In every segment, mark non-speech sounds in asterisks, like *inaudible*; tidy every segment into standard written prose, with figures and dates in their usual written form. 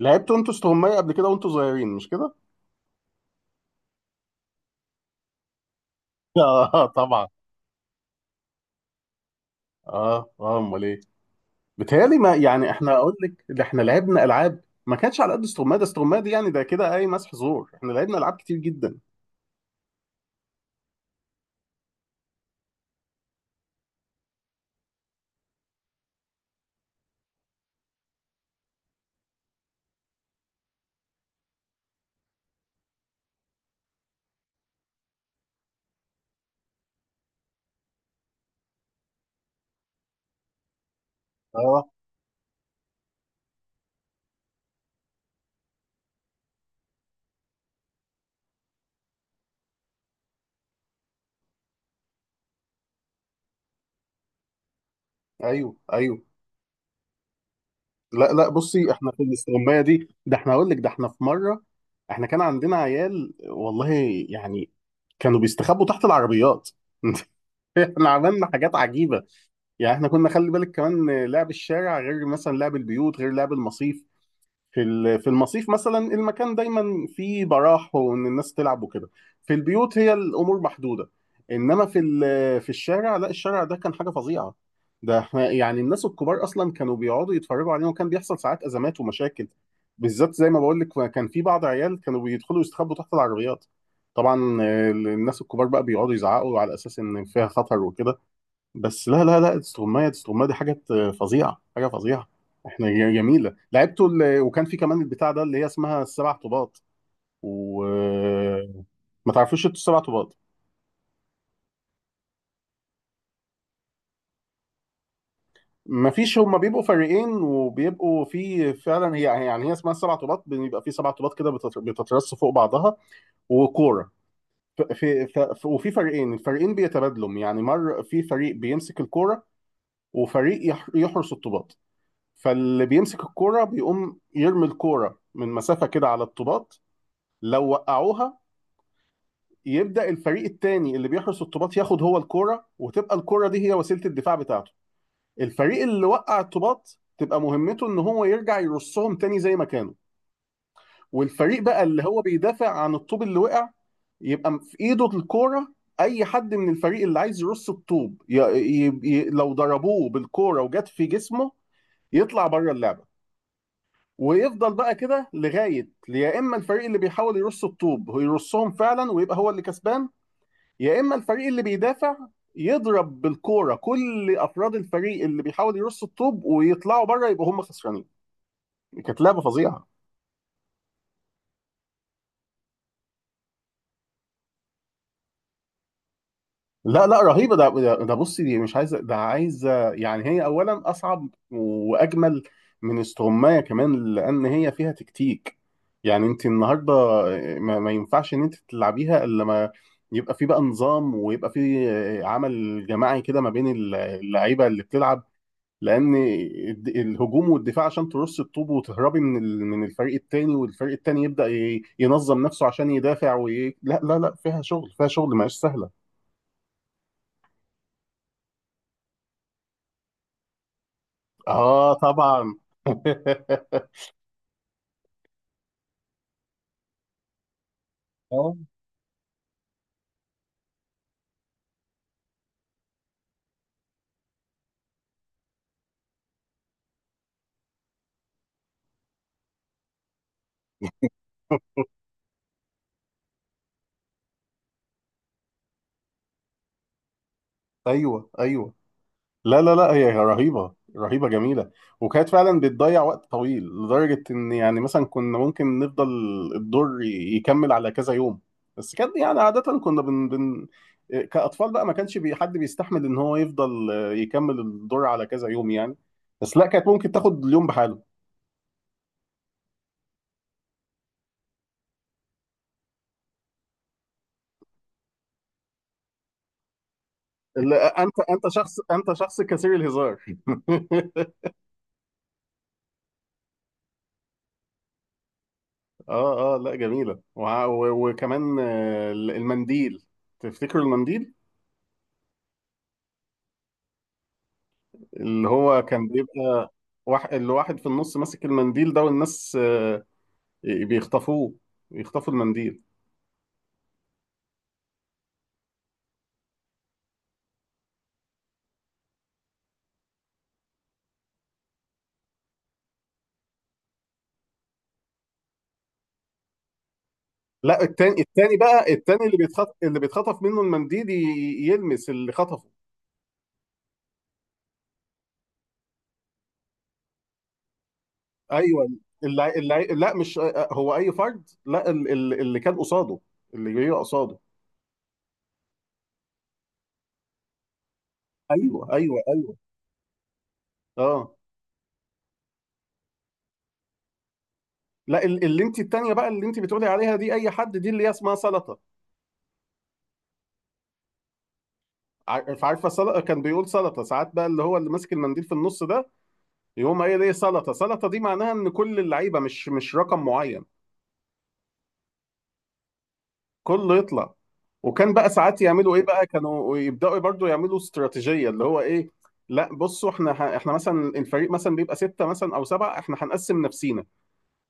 لعبتوا انتوا استغماية قبل كده وانتوا صغيرين مش كده؟ *laughs* اه طبعا. اه اه امال ايه؟ بيتهيألي ما يعني احنا اقول لك ده احنا لعبنا العاب ما كانتش على قد استغماية، ده استغماية دي يعني ده كده اي مسح زور، احنا لعبنا العاب كتير جدا. اه ايوه ايوه. لا لا بصي، احنا في الاستغماية دي ده احنا اقول لك ده احنا في مرة احنا كان عندنا عيال والله، يعني كانوا بيستخبوا تحت العربيات. *laughs* احنا عملنا حاجات عجيبة، يعني احنا كنا خلي بالك كمان لعب الشارع غير مثلا لعب البيوت غير لعب المصيف. في المصيف مثلا المكان دايما فيه براح وان الناس تلعب وكده. في البيوت هي الامور محدوده، انما في الشارع لا، الشارع ده كان حاجه فظيعه. يعني الناس الكبار اصلا كانوا بيقعدوا يتفرجوا علينا، وكان بيحصل ساعات ازمات ومشاكل، بالذات زي ما بقول لك كان في بعض عيال كانوا بيدخلوا يستخبوا تحت العربيات. طبعا الناس الكبار بقى بيقعدوا يزعقوا على اساس ان فيها خطر وكده. بس لا لا لا، استغماية استغماية دي حاجة فظيعة، حاجة فظيعة. احنا جميلة لعبته. وكان في كمان البتاع ده اللي هي اسمها السبع طوبات، و ما تعرفوش انتوا السبع طوبات؟ ما فيش، هما بيبقوا فريقين، وبيبقوا في فعلا هي يعني هي اسمها السبع طوبات، بيبقى في سبع طوبات كده بتترص فوق بعضها، وكورة. ف- في ف- ف- وفي فريقين، الفريقين بيتبادلوا، يعني مر في فريق بيمسك الكورة وفريق يحرس الطوبات. فاللي بيمسك الكوره بيقوم يرمي الكوره من مسافه كده على الطوبات. لو وقعوها يبدا الفريق التاني اللي بيحرس الطوبات ياخد هو الكوره، وتبقى الكوره دي هي وسيله الدفاع بتاعته. الفريق اللي وقع الطوبات تبقى مهمته ان هو يرجع يرصهم تاني زي ما كانوا، والفريق بقى اللي هو بيدافع عن الطوب اللي وقع يبقى في ايده الكوره. اي حد من الفريق اللي عايز يرص الطوب لو ضربوه بالكوره وجت في جسمه يطلع بره اللعبه. ويفضل بقى كده لغايه يا اما الفريق اللي بيحاول يرص الطوب هو يرصهم فعلا ويبقى هو اللي كسبان، يا اما الفريق اللي بيدافع يضرب بالكوره كل افراد الفريق اللي بيحاول يرص الطوب ويطلعوا بره يبقوا هم خسرانين. كانت لعبه فظيعه. لا لا رهيبة، ده ده ده بصي دي مش عايزة، ده عايزة يعني، هي أولا أصعب وأجمل من استغماية كمان، لأن هي فيها تكتيك. يعني أنت النهاردة ما ينفعش إن أنت تلعبيها إلا ما يبقى في بقى نظام، ويبقى في عمل جماعي كده ما بين اللعيبة اللي بتلعب. لأن الهجوم والدفاع عشان ترص الطوب وتهربي من الفريق التاني، والفريق التاني يبدأ ينظم نفسه عشان يدافع لا لا لا، فيها شغل، فيها شغل، ما هيش سهلة. اه طبعا. *laughs* اه ايوه ايوه. لا لا لا هي رهيبه، رهيبه، جميله. وكانت فعلا بتضيع وقت طويل لدرجه ان يعني مثلا كنا ممكن نفضل الدور يكمل على كذا يوم. بس كانت يعني عاده كنا بن, بن كاطفال بقى ما كانش بي حد بيستحمل ان هو يفضل يكمل الدور على كذا يوم يعني. بس لا، كانت ممكن تاخد اليوم بحاله. لا، انت شخص، انت شخص كثير الهزار. *laughs* اه اه لا جميلة وع- و- وكمان المنديل. تفتكروا المنديل اللي هو كان بيبقى واحد، اللي واحد في النص ماسك المنديل ده والناس بيخطفوه، بيخطفوا المنديل. لا، التاني، التاني بقى، التاني اللي بيتخطف، اللي بيتخطف منه المنديل يلمس اللي خطفه. ايوه اللي اللي لا مش هو اي فرد، لا اللي كان قصاده، اللي جاي قصاده. ايوه ايوه ايوه اه. لا اللي انت التانية بقى اللي انت بتقولي عليها دي اي حد، دي اللي هي اسمها سلطة. عارفة سلطة؟ كان بيقول سلطة ساعات بقى، اللي هو اللي ماسك المنديل في النص ده يقوم قايل ايه سلطة. سلطة دي معناها ان كل اللعيبة مش مش رقم معين، كله يطلع. وكان بقى ساعات يعملوا ايه بقى، كانوا يبداوا برضو يعملوا استراتيجيه اللي هو ايه، لا بصوا احنا احنا مثلا الفريق مثلا بيبقى سته مثلا او سبعه، احنا هنقسم نفسينا،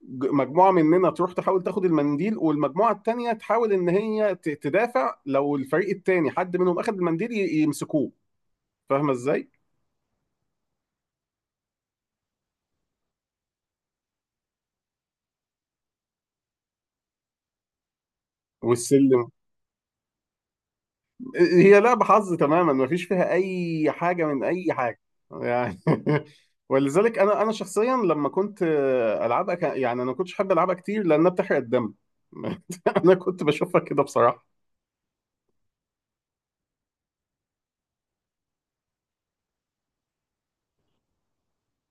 مجموعه مننا تروح تحاول تاخد المنديل، والمجموعه التانيه تحاول ان هي تدافع لو الفريق التاني حد منهم اخد المنديل يمسكوه. فاهمه ازاي؟ والسلم، هي لعبه حظ تماما، مفيش فيها اي حاجه من اي حاجه يعني. *laughs* ولذلك انا شخصيا لما كنت العبها يعني انا ما كنتش احب العبها كتير لانها بتحرق الدم. *laughs* انا كنت بشوفها كده بصراحه.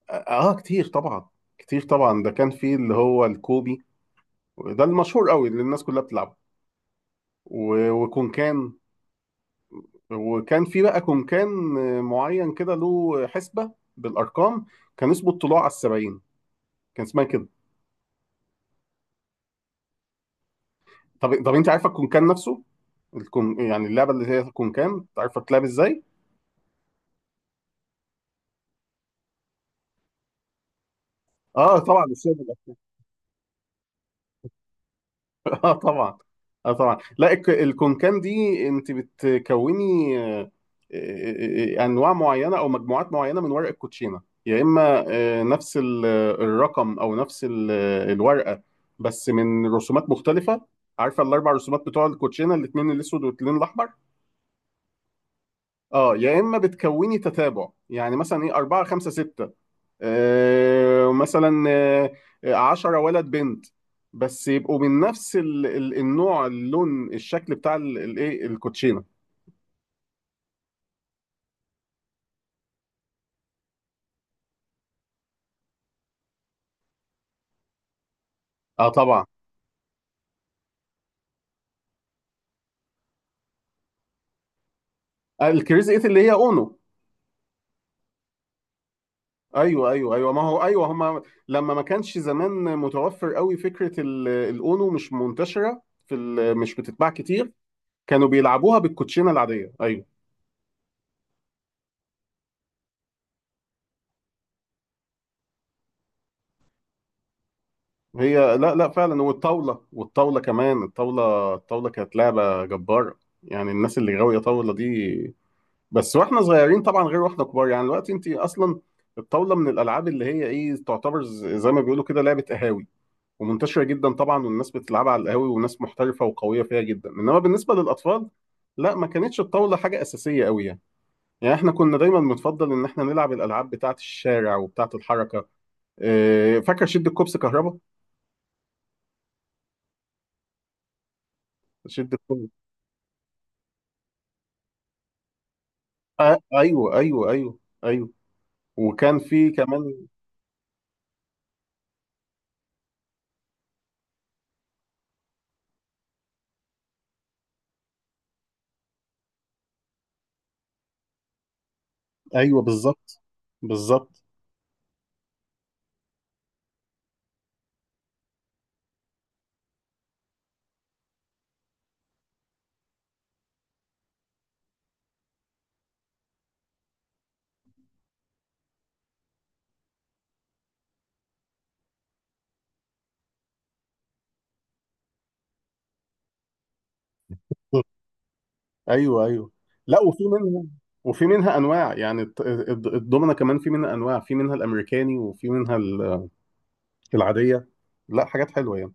اه كتير طبعا، كتير طبعا، ده كان في اللي هو الكوبي، وده المشهور قوي اللي الناس كلها بتلعبه، و- وكونكان. وكان في بقى كونكان معين كده له حسبة بالأرقام، كان اسمه الطلوع على السبعين، كان اسمها كده. طب طب أنت عارفة الكونكان نفسه؟ الكون يعني اللعبة اللي هي الكونكان عارفة تلعب إزاي؟ آه طبعا. *laughs* اه طبعا، اه طبعا. لا الكونكام دي انت بتكوني انواع معينه او مجموعات معينه من ورق الكوتشينه، يا اما نفس الرقم او نفس الورقه بس من رسومات مختلفه. عارفه الاربع رسومات بتوع الكوتشينه، الاثنين الاسود والاثنين الاحمر. اه، يا اما بتكوني تتابع يعني مثلا ايه 4 5 6، مثلا 10 ولد بنت، بس يبقوا من نفس النوع، اللون، الشكل بتاع الايه الكوتشينه. اه طبعا. الكريزي ايت اللي هي اونو. ايوه ايوه ايوه، ما هو ايوه هما لما ما كانش زمان متوفر قوي فكره الاونو، مش منتشره مش بتتباع كتير، كانوا بيلعبوها بالكوتشينه العاديه ايوه. هي لا لا فعلا، والطاوله، والطاوله كمان، الطاوله، الطاوله كانت لعبه جباره، يعني الناس اللي غاويه طاوله دي. بس واحنا صغيرين طبعا، غير واحنا كبار، يعني دلوقتي انت اصلا الطاوله من الالعاب اللي هي ايه تعتبر زي ما بيقولوا كده لعبه قهاوي، ومنتشره جدا طبعا، والناس بتلعبها على القهاوي، وناس محترفه وقويه فيها جدا، انما بالنسبه للاطفال لا، ما كانتش الطاوله حاجه اساسيه قوي يعني. يعني احنا كنا دايما بنفضل ان احنا نلعب الالعاب بتاعه الشارع وبتاعه الحركه. اه، فاكر شد الكوبس كهربا؟ شد الكوبس. آه ايوه ايوه ايوه ايوه. وكان في كمان ايوه بالظبط، بالظبط. ايوه ايوه. لا وفي منها، وفي منها انواع يعني الضمنه، كمان في منها انواع، في منها الامريكاني وفي منها العاديه. لا حاجات حلوه يعني.